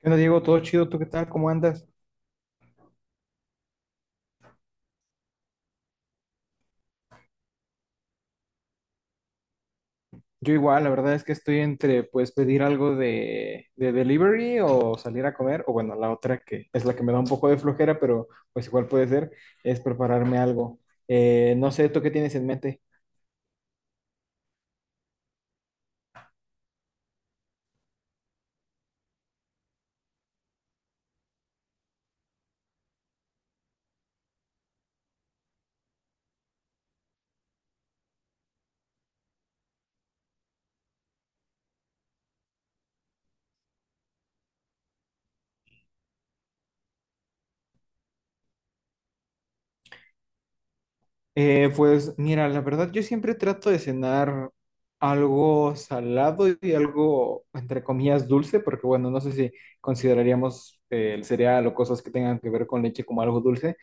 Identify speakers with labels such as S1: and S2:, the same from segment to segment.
S1: ¿Qué onda, Diego? ¿Todo chido? ¿Tú qué tal? ¿Cómo andas? Yo igual, la verdad es que estoy entre, pues, pedir algo de delivery o salir a comer, o bueno, la otra que es la que me da un poco de flojera, pero pues igual puede ser, es prepararme algo. No sé, ¿tú qué tienes en mente? Pues mira, la verdad yo siempre trato de cenar algo salado y algo, entre comillas, dulce, porque bueno, no sé si consideraríamos el cereal o cosas que tengan que ver con leche como algo dulce.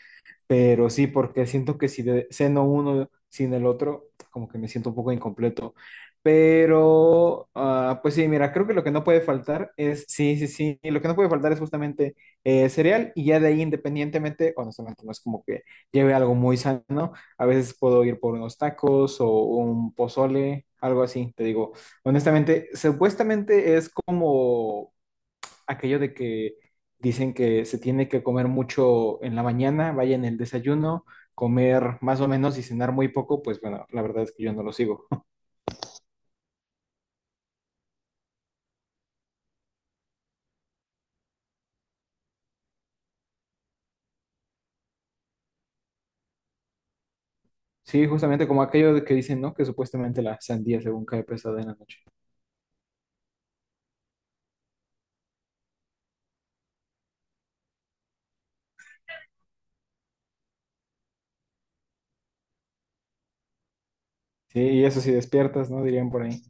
S1: Pero sí, porque siento que si ceno uno sin el otro, como que me siento un poco incompleto. Pero, pues sí, mira, creo que lo que no puede faltar es, sí, sí, sí, lo que no puede faltar es justamente cereal y ya de ahí independientemente, honestamente, no es como que lleve algo muy sano. A veces puedo ir por unos tacos o un pozole, algo así, te digo. Honestamente, supuestamente es como aquello de que dicen que se tiene que comer mucho en la mañana, vaya en el desayuno, comer más o menos y cenar muy poco, pues bueno, la verdad es que yo no lo sigo. Sí, justamente como aquello de que dicen, ¿no? Que supuestamente la sandía según cae pesada en la noche. Sí, y eso sí despiertas, ¿no? Dirían por ahí.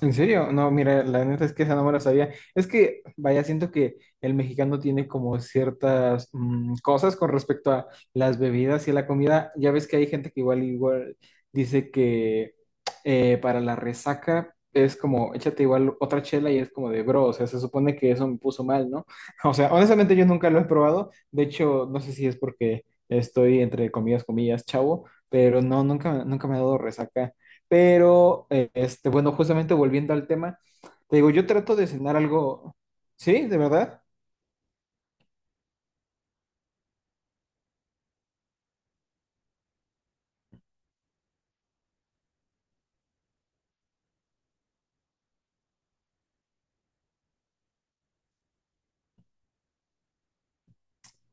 S1: ¿En serio? No, mira, la neta es que esa no me la sabía. Es que, vaya, siento que el mexicano tiene como ciertas cosas con respecto a las bebidas y a la comida. Ya ves que hay gente que igual, igual dice que para la resaca es como, échate igual otra chela y es como de bro, o sea, se supone que eso me puso mal, ¿no? O sea, honestamente yo nunca lo he probado. De hecho, no sé si es porque estoy entre comillas, comillas, chavo, pero no, nunca, nunca me ha dado resaca. Pero, bueno, justamente volviendo al tema, te digo, yo trato de cenar algo, ¿sí? ¿De verdad?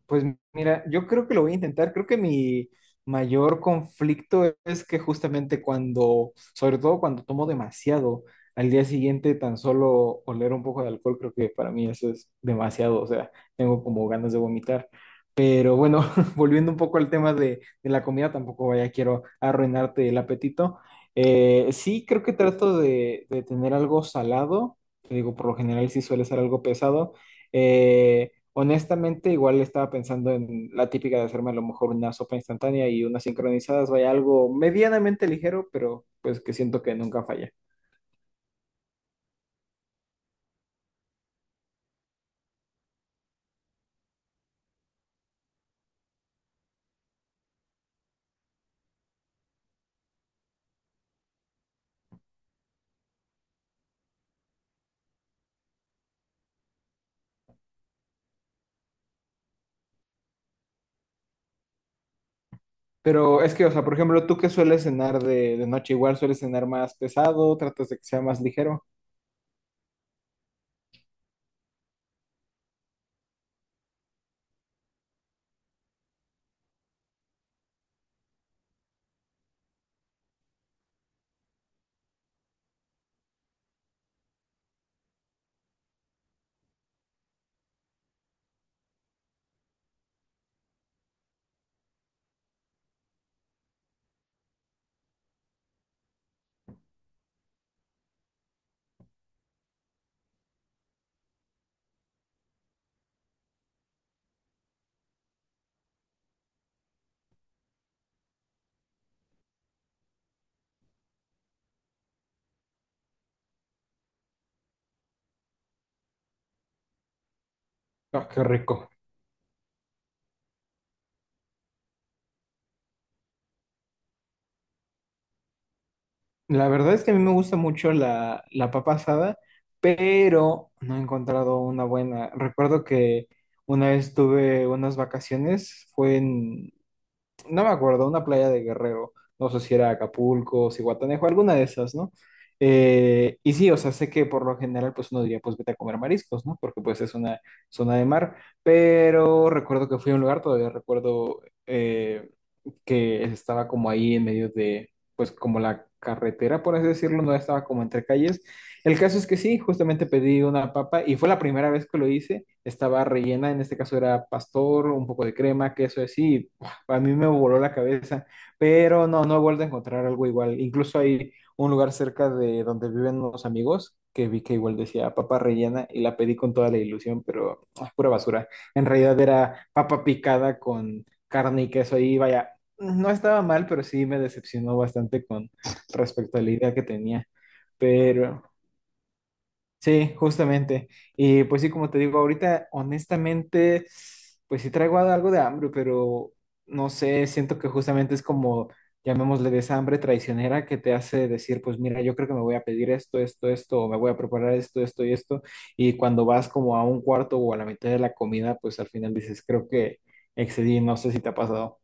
S1: Pues mira, yo creo que lo voy a intentar. Creo que mi mayor conflicto es que justamente cuando, sobre todo cuando tomo demasiado, al día siguiente tan solo oler un poco de alcohol, creo que para mí eso es demasiado, o sea, tengo como ganas de vomitar. Pero bueno, volviendo un poco al tema de la comida, tampoco vaya, quiero arruinarte el apetito. Sí, creo que trato de tener algo salado. Te digo, por lo general sí suele ser algo pesado. Honestamente, igual estaba pensando en la típica de hacerme a lo mejor una sopa instantánea y unas sincronizadas, vaya, algo medianamente ligero, pero pues que siento que nunca falla. Pero es que, o sea, por ejemplo, ¿tú qué sueles cenar de noche? Igual sueles cenar más pesado, tratas de que sea más ligero. Ah, qué rico. La verdad es que a mí me gusta mucho la, la papa asada, pero no he encontrado una buena. Recuerdo que una vez tuve unas vacaciones, fue en, no me acuerdo, una playa de Guerrero, no sé si era Acapulco, Zihuatanejo, alguna de esas, ¿no? Y sí, o sea, sé que por lo general, pues uno diría, pues vete a comer mariscos, ¿no? Porque pues es una zona de mar, pero recuerdo que fui a un lugar, todavía recuerdo eh, que estaba como ahí en medio de, pues como la carretera, por así decirlo, no estaba como entre calles. El caso es que sí, justamente pedí una papa y fue la primera vez que lo hice. Estaba rellena, en este caso era pastor, un poco de crema, queso así. Y, ¡buah! A mí me voló la cabeza, pero no, no he vuelto a encontrar algo igual. Incluso hay un lugar cerca de donde viven unos amigos que vi que igual decía papa rellena y la pedí con toda la ilusión, pero ¡ah! Pura basura. En realidad era papa picada con carne y queso y vaya, no estaba mal, pero sí me decepcionó bastante con respecto a la idea que tenía. Pero sí, justamente. Y pues sí, como te digo, ahorita honestamente, pues sí traigo algo de hambre, pero no sé, siento que justamente es como, llamémosle de esa hambre traicionera que te hace decir, pues mira, yo creo que me voy a pedir esto, esto, esto, o me voy a preparar esto, esto y esto. Y cuando vas como a un cuarto o a la mitad de la comida, pues al final dices, creo que excedí, no sé si te ha pasado.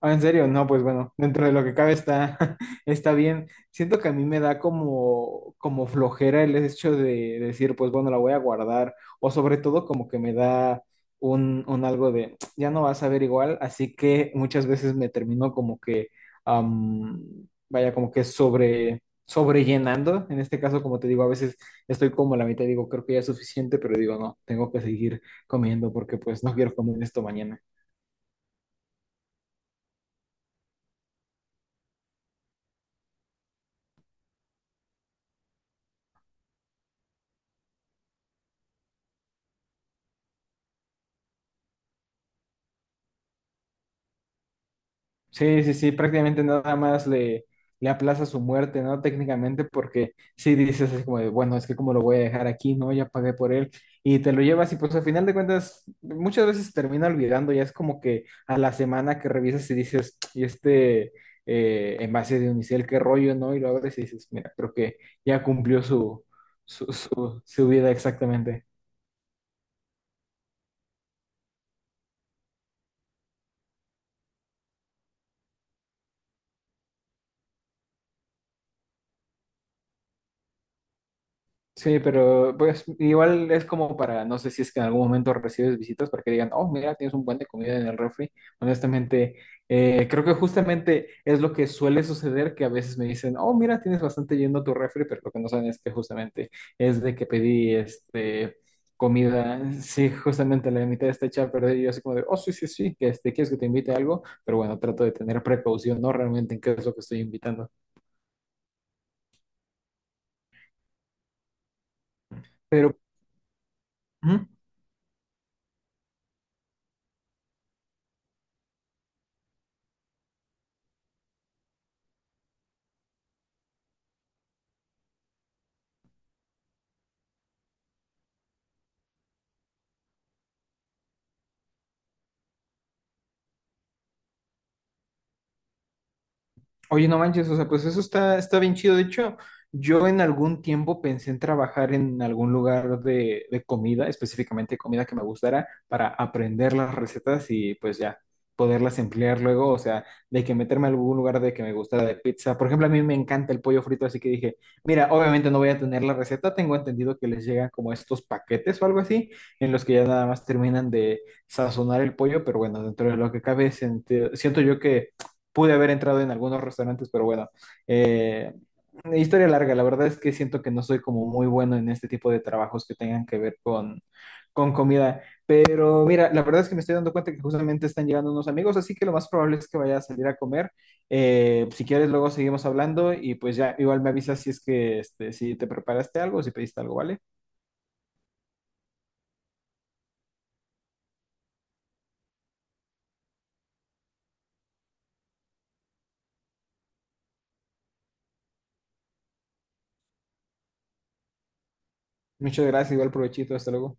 S1: Ah, ¿en serio? No, pues bueno, dentro de lo que cabe está, está bien. Siento que a mí me da como, como flojera el hecho de decir, pues bueno, la voy a guardar, o sobre todo como que me da un algo de, ya no vas a ver igual, así que muchas veces me termino como que, am, vaya, como que sobre, sobrellenando. En este caso, como te digo, a veces estoy como a la mitad, digo, creo que ya es suficiente, pero digo, no, tengo que seguir comiendo porque pues no quiero comer esto mañana. Sí, sí, sí, prácticamente nada más le, le aplaza su muerte, ¿no? Técnicamente, porque sí dices así como de, bueno, es que como lo voy a dejar aquí, ¿no? Ya pagué por él y te lo llevas y pues al final de cuentas muchas veces termina olvidando, ya es como que a la semana que revisas y dices, y este envase de unicel, qué rollo, ¿no? Y lo abres y dices, mira, creo que ya cumplió su, su vida exactamente. Sí, pero pues igual es como para, no sé si es que en algún momento recibes visitas para que digan, oh, mira, tienes un buen de comida en el refri. Honestamente, creo que justamente es lo que suele suceder, que a veces me dicen, oh, mira, tienes bastante yendo tu refri, pero lo que no saben es que justamente es de que pedí este comida, sí, justamente la mitad está hecha a perder y yo así como de, oh, sí, sí, sí, que este, quieres que te invite a algo, pero bueno, trato de tener precaución, ¿no? Realmente en qué es lo que estoy invitando. Pero... ujú. Oye, no manches, o sea, pues eso está, está bien chido. De hecho, yo en algún tiempo pensé en trabajar en algún lugar de comida, específicamente comida que me gustara, para aprender las recetas y pues ya poderlas emplear luego. O sea, de que meterme a algún lugar de que me gustara de pizza. Por ejemplo, a mí me encanta el pollo frito, así que dije, mira, obviamente no voy a tener la receta. Tengo entendido que les llegan como estos paquetes o algo así, en los que ya nada más terminan de sazonar el pollo, pero bueno, dentro de lo que cabe, siento yo que pude haber entrado en algunos restaurantes, pero bueno, eh, historia larga, la verdad es que siento que no soy como muy bueno en este tipo de trabajos que tengan que ver con comida, pero mira, la verdad es que me estoy dando cuenta que justamente están llegando unos amigos, así que lo más probable es que vaya a salir a comer. Si quieres, luego seguimos hablando y pues ya igual me avisas si es que este, si te preparaste algo, si pediste algo, ¿vale? Muchas gracias, igual provechito, hasta luego.